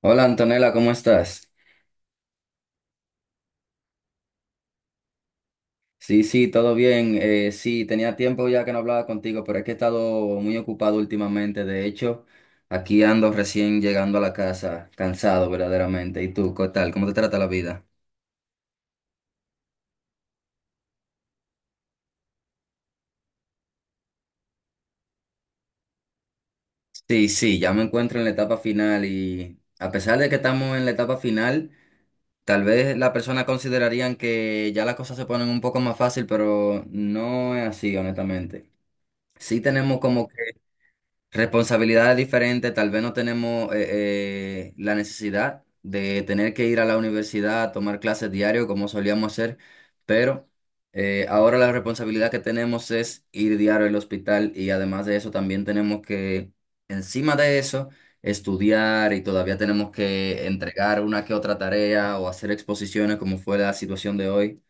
Hola Antonella, ¿cómo estás? Sí, sí, todo bien. Sí, tenía tiempo ya que no hablaba contigo, pero es que he estado muy ocupado últimamente. De hecho, aquí ando recién llegando a la casa, cansado verdaderamente. ¿Y tú, qué tal? ¿Cómo te trata la vida? Sí, sí, ya me encuentro en la etapa final y a pesar de que estamos en la etapa final, tal vez las personas considerarían que ya las cosas se ponen un poco más fácil, pero no es así, honestamente. Sí tenemos como que responsabilidades diferentes, tal vez no tenemos la necesidad de tener que ir a la universidad a tomar clases diario como solíamos hacer, pero ahora la responsabilidad que tenemos es ir diario al hospital y además de eso también tenemos que, encima de eso, estudiar y todavía tenemos que entregar una que otra tarea o hacer exposiciones como fue la situación de hoy.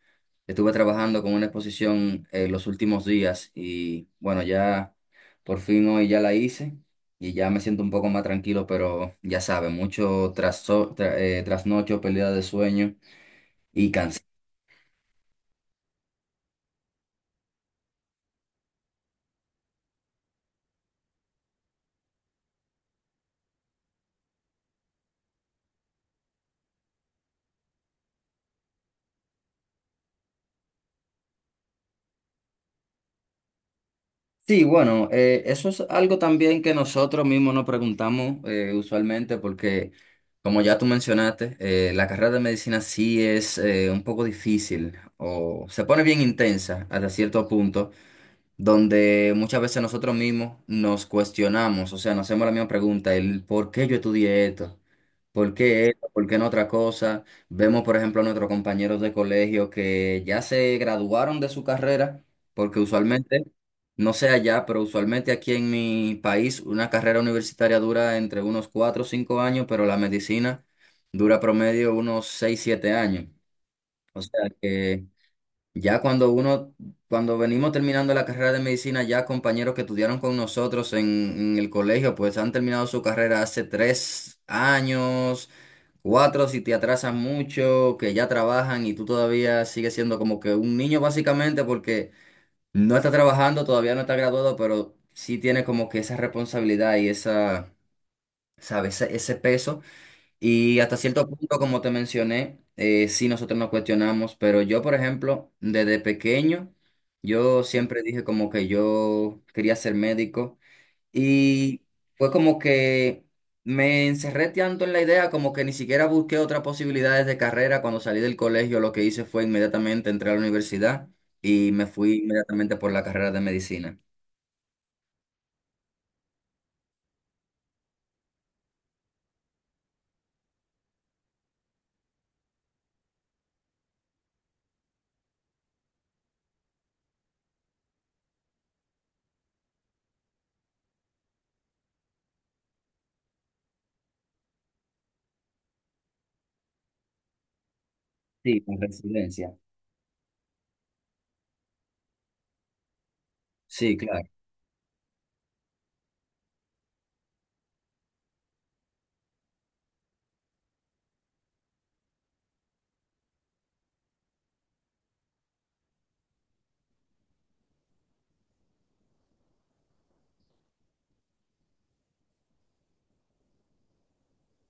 Estuve trabajando con una exposición los últimos días y bueno, ya por fin hoy ya la hice y ya me siento un poco más tranquilo, pero ya sabes, mucho trasnocho, pérdida de sueño y cansancio. Sí, bueno, eso es algo también que nosotros mismos nos preguntamos usualmente porque, como ya tú mencionaste, la carrera de medicina sí es un poco difícil o se pone bien intensa hasta cierto punto, donde muchas veces nosotros mismos nos cuestionamos, o sea, nos hacemos la misma pregunta, el ¿por qué yo estudié esto? ¿Por qué esto? ¿Por qué no otra cosa? Vemos, por ejemplo, a nuestros compañeros de colegio que ya se graduaron de su carrera, porque usualmente, no sé allá, pero usualmente aquí en mi país una carrera universitaria dura entre unos 4 o 5 años, pero la medicina dura promedio unos 6 7 años. O sea que... ya cuando uno, cuando venimos terminando la carrera de medicina, ya compañeros que estudiaron con nosotros en el colegio, pues han terminado su carrera hace 3 años, cuatro si te atrasan mucho, que ya trabajan y tú todavía sigues siendo como que un niño básicamente porque no está trabajando, todavía no está graduado, pero sí tiene como que esa responsabilidad y esa, ¿sabes? Ese peso. Y hasta cierto punto, como te mencioné, sí nosotros nos cuestionamos, pero yo, por ejemplo, desde pequeño, yo siempre dije como que yo quería ser médico y fue como que me encerré tanto en la idea como que ni siquiera busqué otras posibilidades de carrera. Cuando salí del colegio, lo que hice fue inmediatamente entrar a la universidad y me fui inmediatamente por la carrera de medicina. Sí, con residencia. Sí, claro.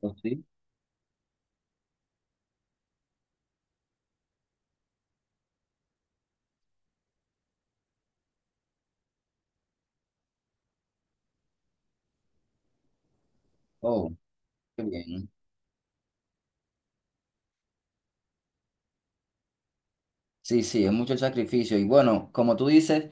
Pues sí. Oh, qué bien. Sí, sí, es mucho el sacrificio. Y bueno, como tú dices,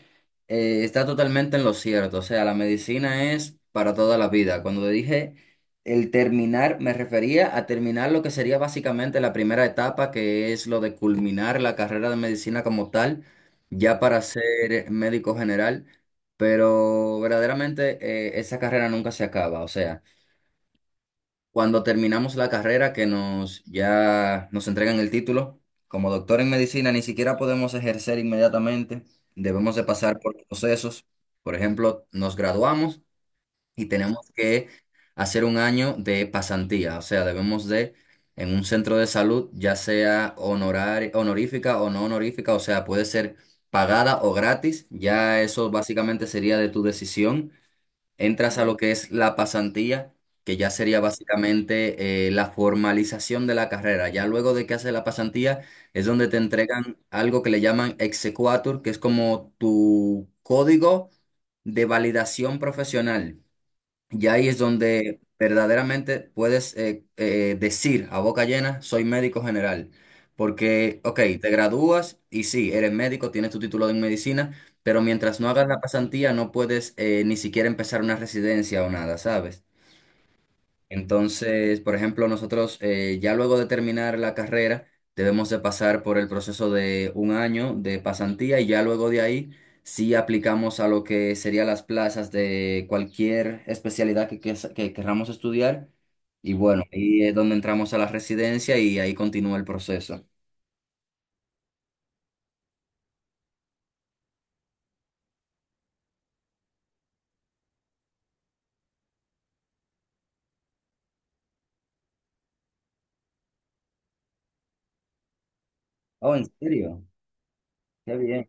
está totalmente en lo cierto. O sea, la medicina es para toda la vida. Cuando dije el terminar, me refería a terminar lo que sería básicamente la primera etapa, que es lo de culminar la carrera de medicina como tal, ya para ser médico general. Pero verdaderamente esa carrera nunca se acaba. O sea, cuando terminamos la carrera, que nos ya nos entregan el título, como doctor en medicina ni siquiera podemos ejercer inmediatamente, debemos de pasar por procesos. Por ejemplo, nos graduamos y tenemos que hacer un año de pasantía, o sea, debemos de en un centro de salud, ya sea honorar, honorífica o no honorífica, o sea, puede ser pagada o gratis, ya eso básicamente sería de tu decisión. Entras a lo que es la pasantía, que ya sería básicamente la formalización de la carrera. Ya luego de que haces la pasantía es donde te entregan algo que le llaman exequatur, que es como tu código de validación profesional. Y ahí es donde verdaderamente puedes decir a boca llena, soy médico general. Porque, ok, te gradúas y sí, eres médico, tienes tu título en medicina, pero mientras no hagas la pasantía no puedes ni siquiera empezar una residencia o nada, ¿sabes? Entonces, por ejemplo, nosotros ya luego de terminar la carrera debemos de pasar por el proceso de un año de pasantía y ya luego de ahí sí aplicamos a lo que serían las plazas de cualquier especialidad que, que querramos estudiar. Y bueno, ahí es donde entramos a la residencia y ahí continúa el proceso. Oh, ¿en serio? Qué bien.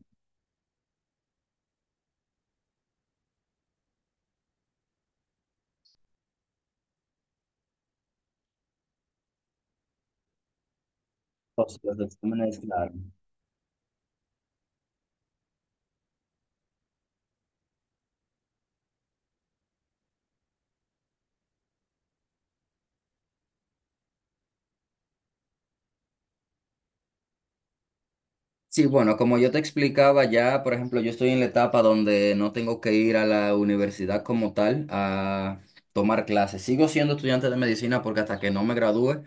Los exámenes, claro. Sí, bueno, como yo te explicaba ya, por ejemplo, yo estoy en la etapa donde no tengo que ir a la universidad como tal a tomar clases. Sigo siendo estudiante de medicina porque hasta que no me gradúe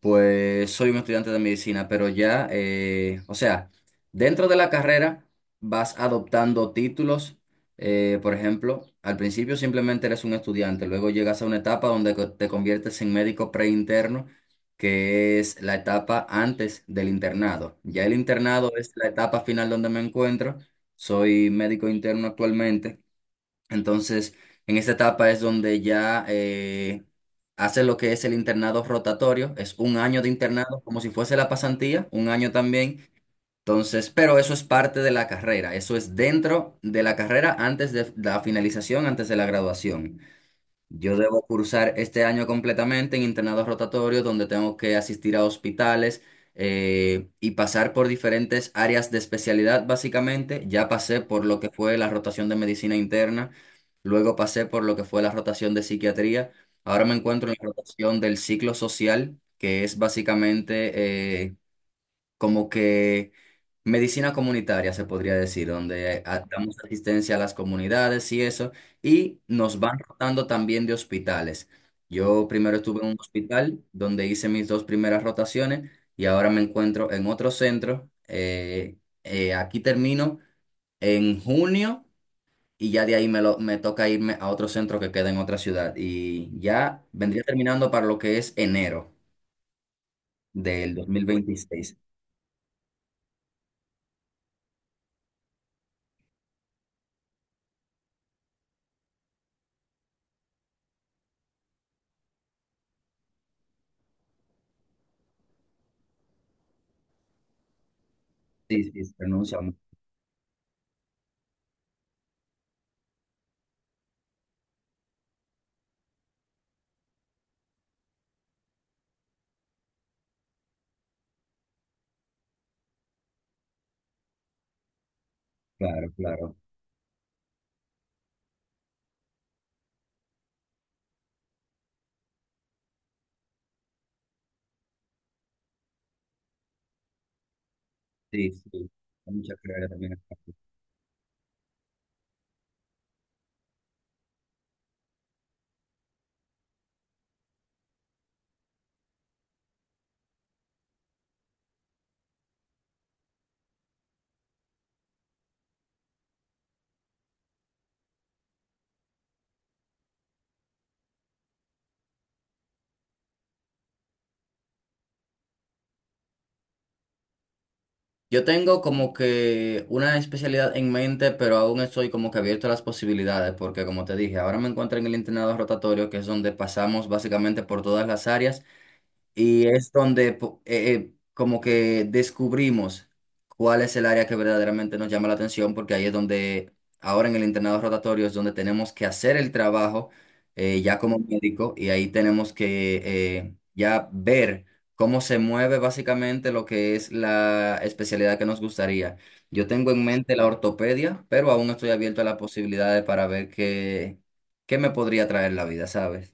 pues soy un estudiante de medicina, pero ya, o sea, dentro de la carrera vas adoptando títulos. Por ejemplo, al principio simplemente eres un estudiante, luego llegas a una etapa donde te conviertes en médico preinterno, que es la etapa antes del internado. Ya el internado es la etapa final donde me encuentro. Soy médico interno actualmente. Entonces, en esta etapa es donde ya hace lo que es el internado rotatorio, es un año de internado, como si fuese la pasantía, un año también. Entonces, pero eso es parte de la carrera, eso es dentro de la carrera antes de la finalización, antes de la graduación. Yo debo cursar este año completamente en internado rotatorio, donde tengo que asistir a hospitales y pasar por diferentes áreas de especialidad, básicamente. Ya pasé por lo que fue la rotación de medicina interna, luego pasé por lo que fue la rotación de psiquiatría. Ahora me encuentro en la rotación del ciclo social, que es básicamente como que medicina comunitaria, se podría decir, donde ok, damos asistencia a las comunidades y eso, y nos van rotando también de hospitales. Yo primero estuve en un hospital donde hice mis dos primeras rotaciones y ahora me encuentro en otro centro. Aquí termino en junio y ya de ahí me, lo, me toca irme a otro centro que queda en otra ciudad y ya vendría terminando para lo que es enero del 2026. Sí, sí, se pronuncia. Claro, claro. Sí, sí. Hay mucha carrera también acá. Yo tengo como que una especialidad en mente, pero aún estoy como que abierto a las posibilidades, porque como te dije, ahora me encuentro en el internado rotatorio, que es donde pasamos básicamente por todas las áreas. Y es donde como que descubrimos cuál es el área que verdaderamente nos llama la atención, porque ahí es donde ahora en el internado rotatorio es donde tenemos que hacer el trabajo ya como médico y ahí tenemos que ya ver cómo se mueve básicamente lo que es la especialidad que nos gustaría. Yo tengo en mente la ortopedia, pero aún no estoy abierto a las posibilidades para ver qué, qué me podría traer la vida, ¿sabes?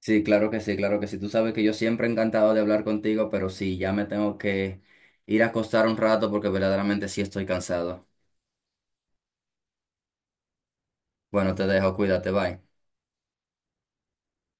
Sí, claro que sí, claro que sí. Tú sabes que yo siempre he encantado de hablar contigo, pero sí, ya me tengo que ir a acostar un rato porque verdaderamente sí estoy cansado. Bueno, te dejo, cuídate, bye.